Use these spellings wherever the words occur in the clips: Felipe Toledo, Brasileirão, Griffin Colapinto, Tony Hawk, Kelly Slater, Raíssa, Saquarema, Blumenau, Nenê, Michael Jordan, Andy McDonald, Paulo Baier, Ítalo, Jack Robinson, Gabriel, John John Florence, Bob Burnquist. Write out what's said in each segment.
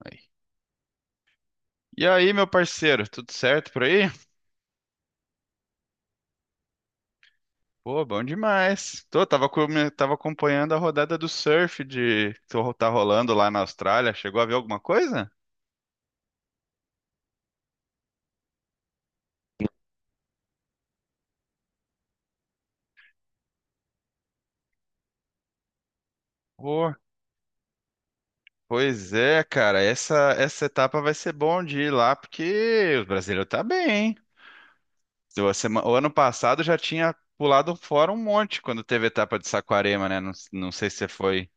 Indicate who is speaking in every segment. Speaker 1: Aí. E aí, meu parceiro, tudo certo por aí? Pô, bom demais. Tava acompanhando a rodada do surf tá rolando lá na Austrália. Chegou a ver alguma coisa? Pô, pois é, cara. Essa etapa vai ser bom de ir lá porque o brasileiro tá bem, hein? O ano passado já tinha pulado fora um monte quando teve a etapa de Saquarema, né? Não, não sei se você foi.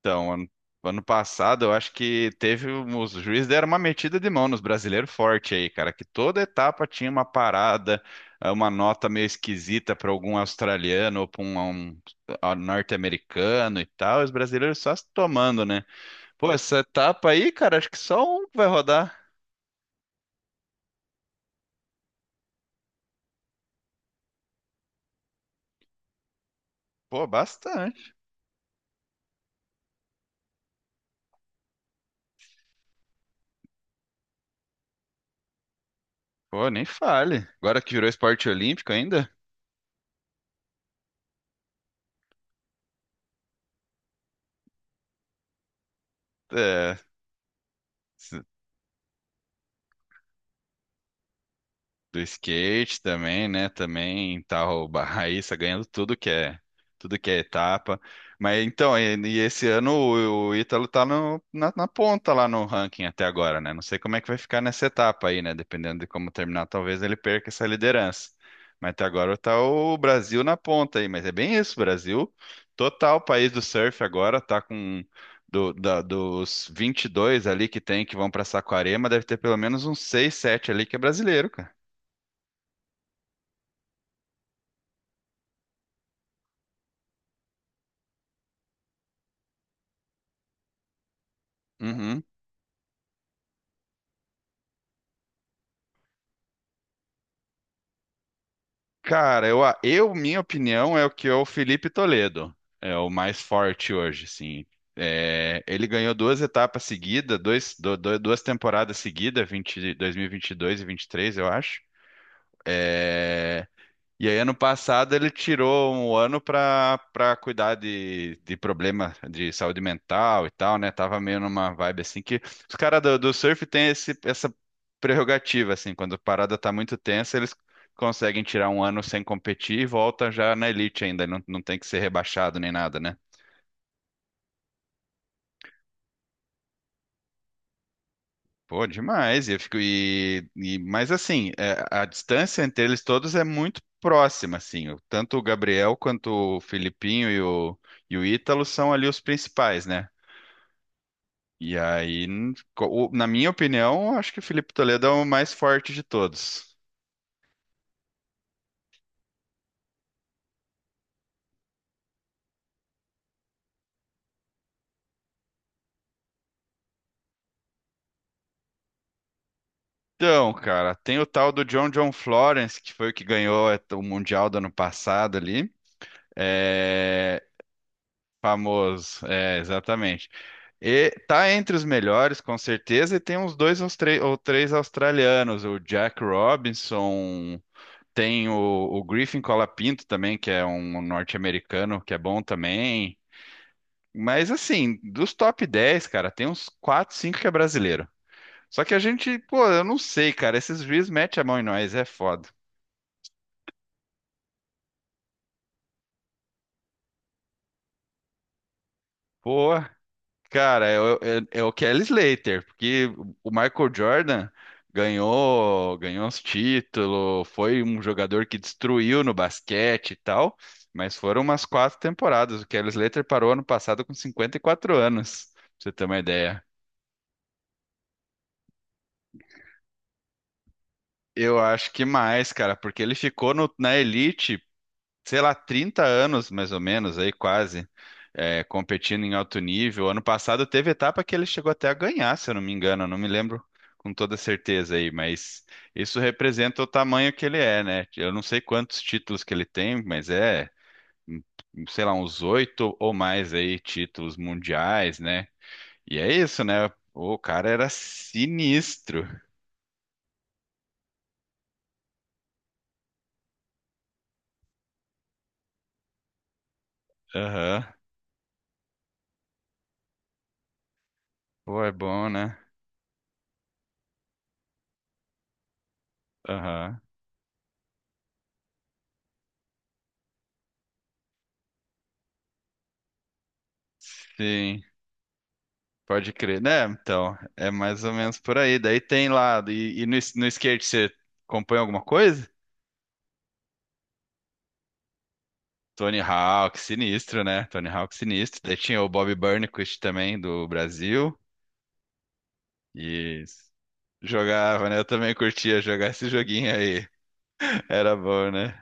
Speaker 1: Então, ano passado eu acho que teve os juízes deram uma metida de mão nos brasileiros forte aí, cara, que toda etapa tinha uma parada, uma nota meio esquisita para algum australiano ou para um norte-americano e tal, os brasileiros só se tomando, né? Pô, essa etapa aí, cara, acho que só um vai rodar. Pô, bastante. Pô, nem fale. Agora que virou esporte olímpico ainda, é, do skate também, né? Também tá o Raíssa ganhando tudo que é etapa. Mas então, e esse ano o Ítalo tá na ponta lá no ranking até agora, né? Não sei como é que vai ficar nessa etapa aí, né? Dependendo de como terminar, talvez ele perca essa liderança. Mas até agora tá o Brasil na ponta aí, mas é bem isso, Brasil. Total país do surf agora tá com dos 22 ali que tem que vão pra Saquarema, deve ter pelo menos uns 6 7 ali que é brasileiro. Uhum. Cara, minha opinião é o que é o Felipe Toledo. É o mais forte hoje, sim. É, ele ganhou duas etapas seguidas, duas temporadas seguidas, 2022 e 22 e 23, eu acho. É, e aí, ano passado, ele tirou um ano para cuidar de problema de saúde mental e tal, né? Tava meio numa vibe assim que os caras do surf têm essa prerrogativa, assim, quando a parada tá muito tensa, eles conseguem tirar um ano sem competir e volta já na elite ainda, não, não tem que ser rebaixado nem nada, né? Pô, demais. E eu fico mas assim, a distância entre eles todos é muito próxima, assim. Tanto o Gabriel quanto o Filipinho e o Ítalo são ali os principais, né? E aí, na minha opinião, eu acho que o Felipe Toledo é o mais forte de todos. Então, cara, tem o tal do John John Florence, que foi o que ganhou o Mundial do ano passado ali. É, famoso, é, exatamente. E tá entre os melhores, com certeza, e tem uns dois ou três australianos, o Jack Robinson, tem o Griffin Colapinto também, que é um norte-americano, que é bom também. Mas assim, dos top 10, cara, tem uns 4 5 que é brasileiro. Só que a gente, pô, eu não sei, cara, esses juízes metem a mão em nós, é foda. Pô. Cara, é o Kelly Slater, porque o Michael Jordan ganhou os títulos, foi um jogador que destruiu no basquete e tal, mas foram umas quatro temporadas. O Kelly Slater parou ano passado com 54 anos, pra você ter uma ideia. Eu acho que mais, cara, porque ele ficou na elite sei lá, 30 anos mais ou menos, aí quase, é, competindo em alto nível. Ano passado teve etapa que ele chegou até a ganhar, se eu não me engano, eu não me lembro com toda certeza aí, mas isso representa o tamanho que ele é, né? Eu não sei quantos títulos que ele tem, mas é, sei lá, uns oito ou mais aí títulos mundiais, né? E é isso, né? O cara era sinistro. Aham. Pô, é bom, né? Aham. Sim. Pode crer, né? Então, é mais ou menos por aí. Daí tem lá, no skate você acompanha alguma coisa? Tony Hawk, sinistro, né? Tony Hawk, sinistro. Daí tinha o Bob Burnquist também, do Brasil. E jogava, né? Eu também curtia jogar esse joguinho aí. Era bom, né?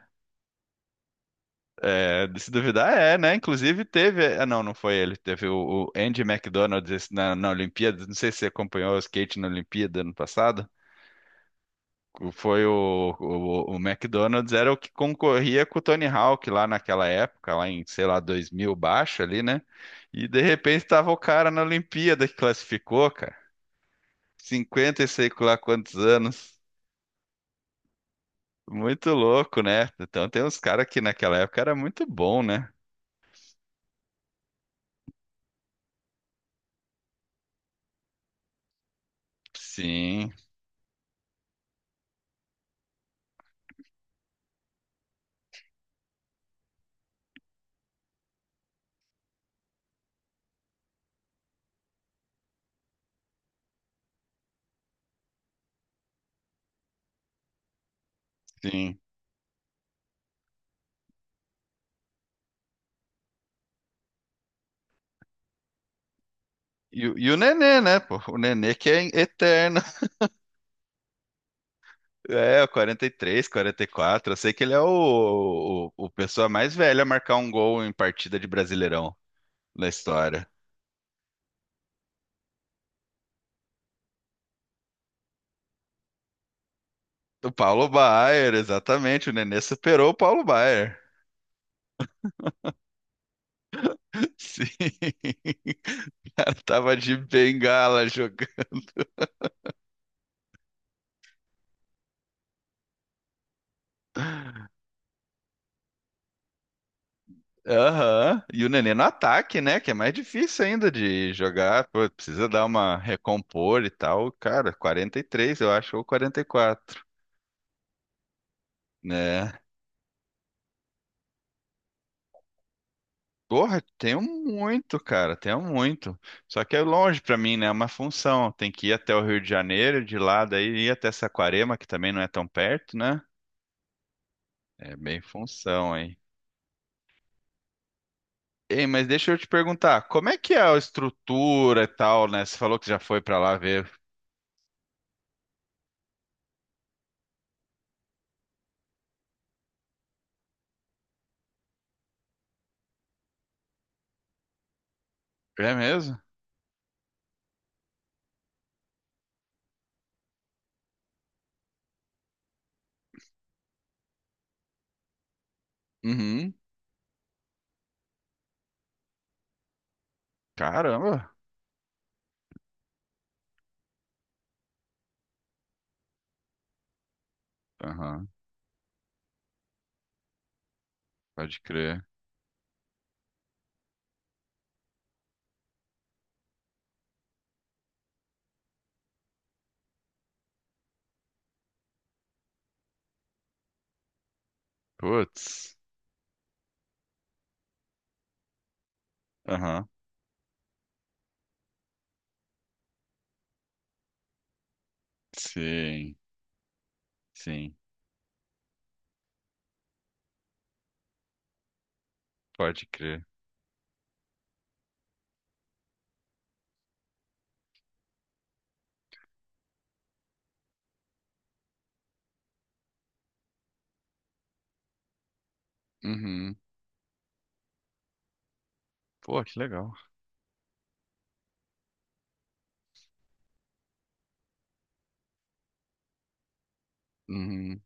Speaker 1: É, de se duvidar, é, né? Inclusive teve. Ah, não, não foi ele. Teve o Andy McDonald esse na Olimpíada. Não sei se você acompanhou o skate na Olimpíada ano passado. Foi o McDonald's era o que concorria com o Tony Hawk lá naquela época, lá em, sei lá, 2000 baixo ali, né? E de repente tava o cara na Olimpíada que classificou, cara. Cinquenta e sei lá quantos anos. Muito louco, né? Então tem uns caras que naquela época era muito bom, né? Sim, sim. E o Nenê, né, pô? O Nenê que é eterno. É, o 43, 44, eu sei que ele é o pessoa mais velha a marcar um gol em partida de Brasileirão na história. O Paulo Baier, exatamente. O Nenê superou o Paulo Baier. Sim. O cara tava de bengala jogando. Aham. E o Nenê no ataque, né? Que é mais difícil ainda de jogar. Pô, precisa dar uma recompor e tal. Cara, 43 eu acho, ou 44, né? Porra, tenho muito, cara, tenho muito. Só que é longe pra mim, né? É uma função. Tem que ir até o Rio de Janeiro, de lá, daí ir até Saquarema, que também não é tão perto, né? É bem função, hein? Ei, mas deixa eu te perguntar, como é que é a estrutura e tal, né? Você falou que já foi pra lá ver. É mesmo? Uhum. Caramba. Aham, pode crer. Putz. Aham. Sim, sim, pode crer. Uhum. Pô, que legal. Uhum.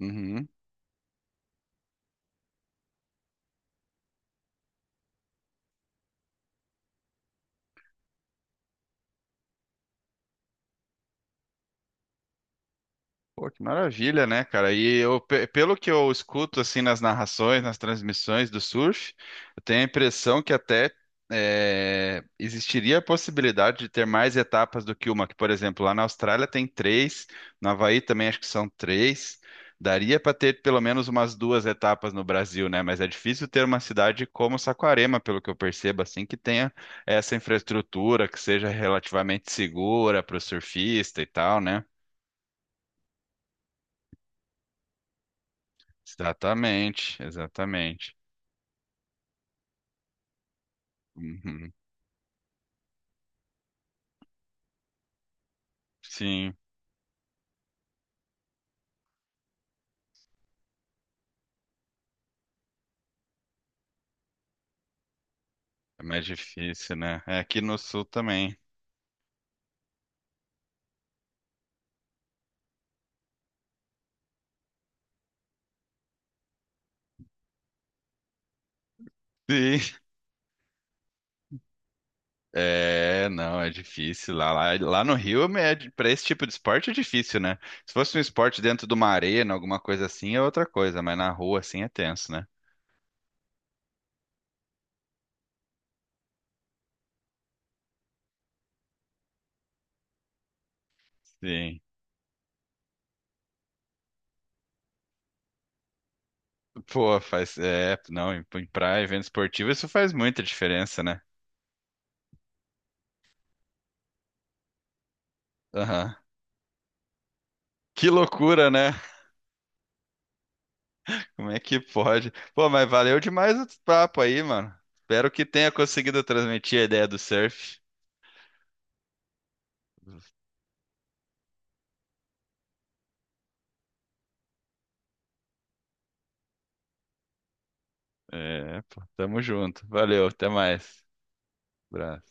Speaker 1: Uhum. Pô, que maravilha, né, cara? E eu, pelo que eu escuto assim nas narrações, nas transmissões do surf, eu tenho a impressão que até existiria a possibilidade de ter mais etapas do que uma, que, por exemplo, lá na Austrália tem três, no Havaí também acho que são três. Daria para ter pelo menos umas duas etapas no Brasil, né? Mas é difícil ter uma cidade como Saquarema, pelo que eu percebo, assim, que tenha essa infraestrutura que seja relativamente segura para o surfista e tal, né? Exatamente, exatamente. Uhum. Sim, é mais difícil, né? É aqui no sul também. Sim. É, não, é difícil. Lá no Rio, é, para esse tipo de esporte é difícil, né? Se fosse um esporte dentro de uma arena, alguma coisa assim, é outra coisa, mas na rua, assim, é tenso, né? Sim. Pô, faz. É, não, em praia, evento esportivo, isso faz muita diferença, né? Aham. Que loucura, né? Como é que pode? Pô, mas valeu demais o papo aí, mano. Espero que tenha conseguido transmitir a ideia do surf. É, pô, tamo junto. Valeu, até mais. Abraço.